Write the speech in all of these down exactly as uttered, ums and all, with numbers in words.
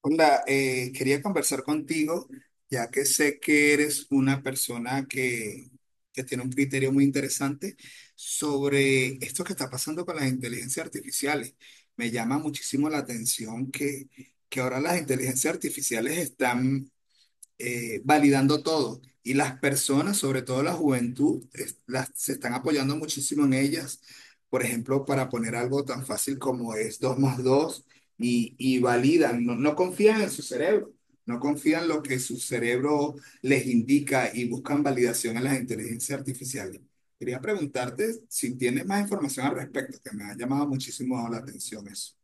Hola, eh, quería conversar contigo, ya que sé que eres una persona que, que tiene un criterio muy interesante sobre esto que está pasando con las inteligencias artificiales. Me llama muchísimo la atención que, que ahora las inteligencias artificiales están eh, validando todo. Y las personas, sobre todo la juventud, es- las, se están apoyando muchísimo en ellas. Por ejemplo, para poner algo tan fácil como es dos más dos y, y validan, no, no confían en su cerebro, no confían en lo que su cerebro les indica y buscan validación en las inteligencias artificiales. Quería preguntarte si tienes más información al respecto, que me ha llamado muchísimo la atención eso.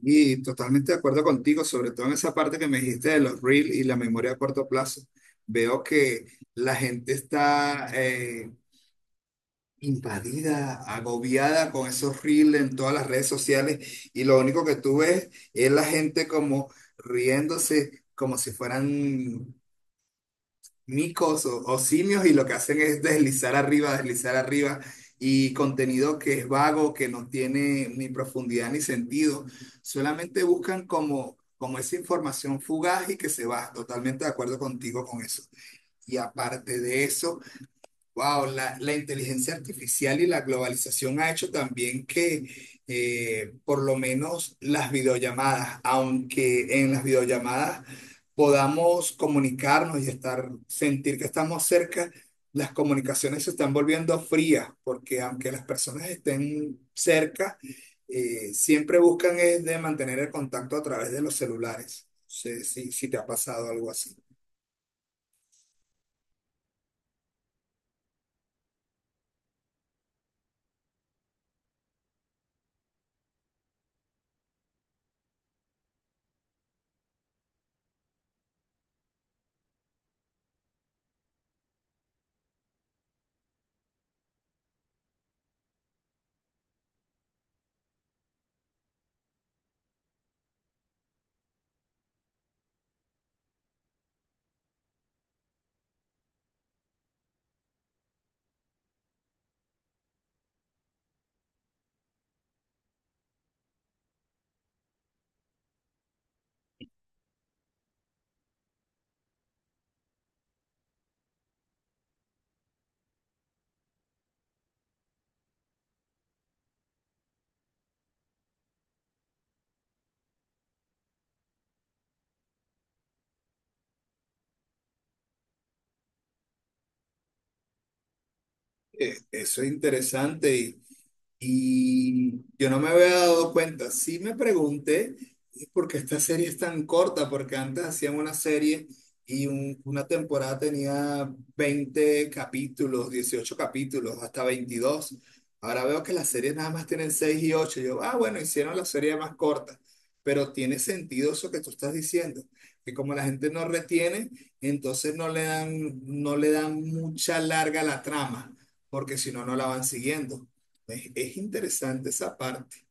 Y totalmente de acuerdo contigo, sobre todo en esa parte que me dijiste de los reels y la memoria a corto plazo. Veo que la gente está eh, invadida, agobiada con esos reels en todas las redes sociales y lo único que tú ves es la gente como riéndose, como si fueran micos o, o simios, y lo que hacen es deslizar arriba, deslizar arriba, y contenido que es vago, que no tiene ni profundidad ni sentido. Solamente buscan como, como, esa información fugaz y que se va. Totalmente de acuerdo contigo con eso. Y aparte de eso, wow, la, la inteligencia artificial y la globalización ha hecho también que eh, por lo menos las videollamadas, aunque en las videollamadas podamos comunicarnos y estar, sentir que estamos cerca, las comunicaciones se están volviendo frías, porque aunque las personas estén cerca, eh, siempre buscan es de mantener el contacto a través de los celulares. No sé si, si te ha pasado algo así. Eh, Eso es interesante y, y yo no me había dado cuenta. Sí me pregunté por qué esta serie es tan corta, porque antes hacían una serie y un- una temporada tenía veinte capítulos, dieciocho capítulos, hasta veintidós. Ahora veo que las series nada más tienen seis y ocho. Yo, ah, bueno, hicieron la serie más corta, pero tiene sentido eso que tú estás diciendo, que como la gente no retiene, entonces no le dan, no le dan mucha larga a la trama, porque si no, no la van siguiendo. Es, es interesante esa parte.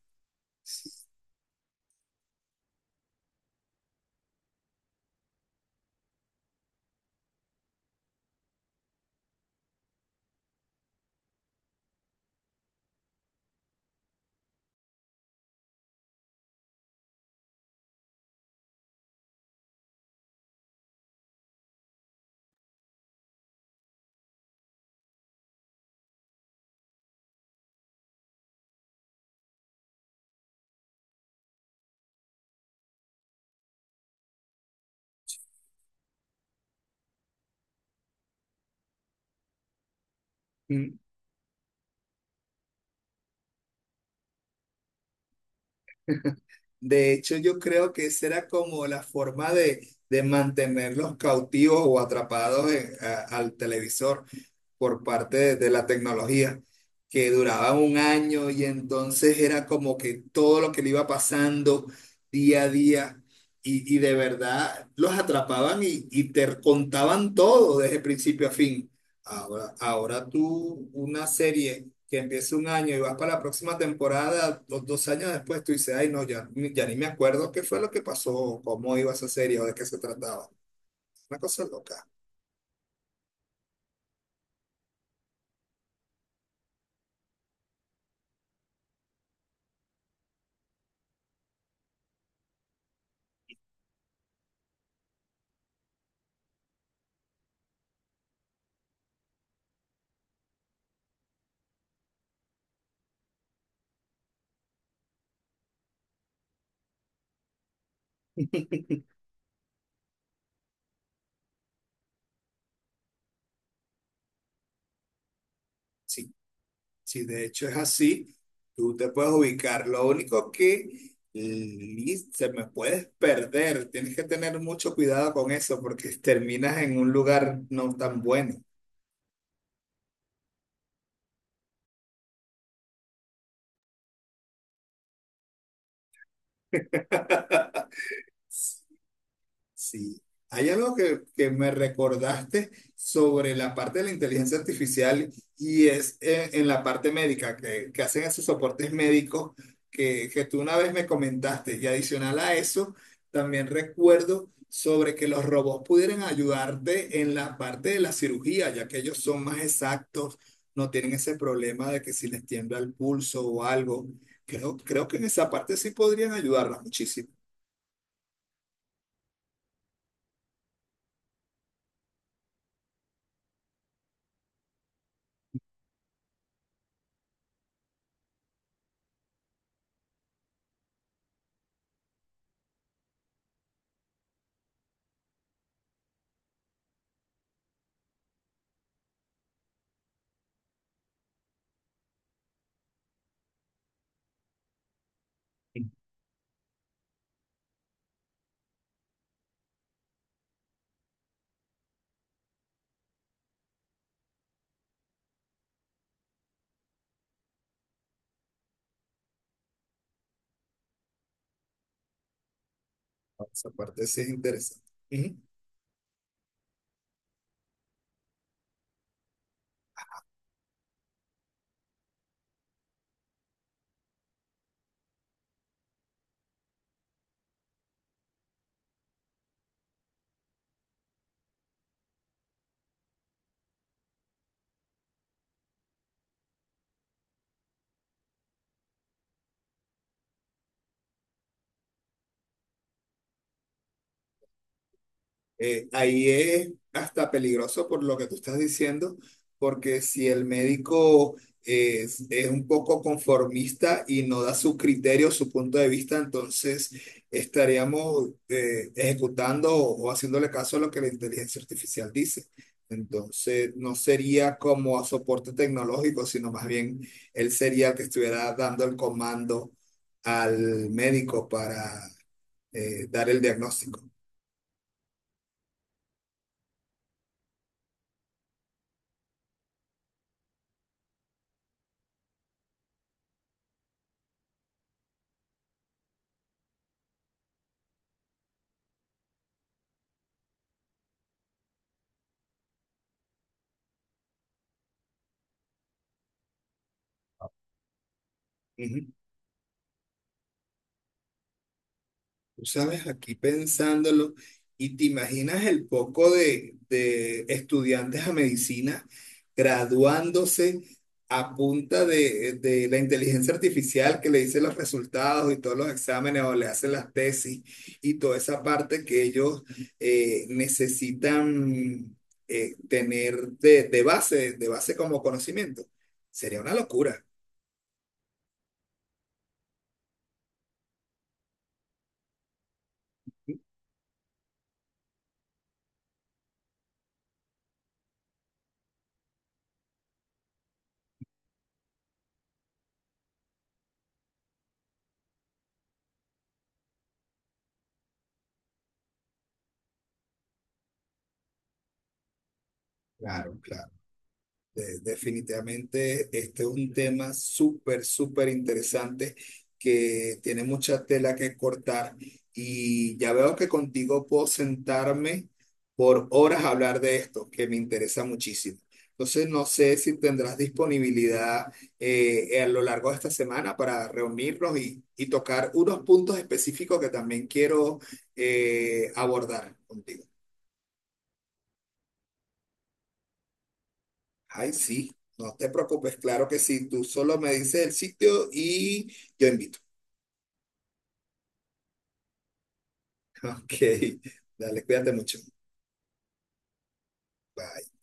Mm. De hecho, yo creo que esa era como la forma de, de mantenerlos cautivos o atrapados en- a- al televisor por parte de, de la tecnología, que duraba un año y entonces era como que todo lo que le iba pasando día a día. Y, y de verdad los atrapaban y, y te contaban todo desde principio a fin. Ahora, ahora tú, una serie que empieza un año y vas para la próxima temporada, dos, dos años después, tú dices, ay, no, ya, ni- ya ni me acuerdo qué fue lo que pasó, cómo iba esa serie o de qué se trataba. Una cosa loca. Sí, sí, de hecho es así, tú te puedes ubicar. Lo único que li- se me puedes perder, tienes que tener mucho cuidado con eso porque terminas en un lugar no tan bueno. Sí. Hay algo que, que me recordaste sobre la parte de la inteligencia artificial y es en, en la parte médica, que, que hacen esos soportes médicos que, que tú una vez me comentaste. Y adicional a eso, también recuerdo sobre que los robots pudieran ayudarte en la parte de la cirugía, ya que ellos son más exactos, no tienen ese problema de que si les tiembla el pulso o algo. Creo, creo que en esa parte sí podrían ayudarnos muchísimo. Esa parte sí es interesante. Ujú. Eh, ahí es hasta peligroso por lo que tú estás diciendo, porque si el médico es, es un poco conformista y no da su criterio, su punto de vista, entonces estaríamos eh, ejecutando o, o haciéndole caso a lo que la inteligencia artificial dice. Entonces no sería como a soporte tecnológico, sino más bien él sería el que estuviera dando el comando al médico para eh, dar el diagnóstico. Ujú. Tú sabes, aquí pensándolo, y te imaginas el poco de, de estudiantes a medicina graduándose a punta de, de la inteligencia artificial que le dice los resultados y todos los exámenes o le hace las tesis y toda esa parte que ellos eh, necesitan eh, tener de de base, de base como conocimiento. Sería una locura. Claro, claro. De- Definitivamente, este es un tema súper, súper interesante que tiene mucha tela que cortar y ya veo que contigo puedo sentarme por horas a hablar de esto, que me interesa muchísimo. Entonces, no sé si tendrás disponibilidad eh, a lo largo de esta semana para reunirnos y, y tocar unos puntos específicos que también quiero eh, abordar contigo. Ay, sí, no te preocupes, claro que sí. Tú solo me dices el sitio y yo invito. Ok, dale, cuídate mucho. Bye.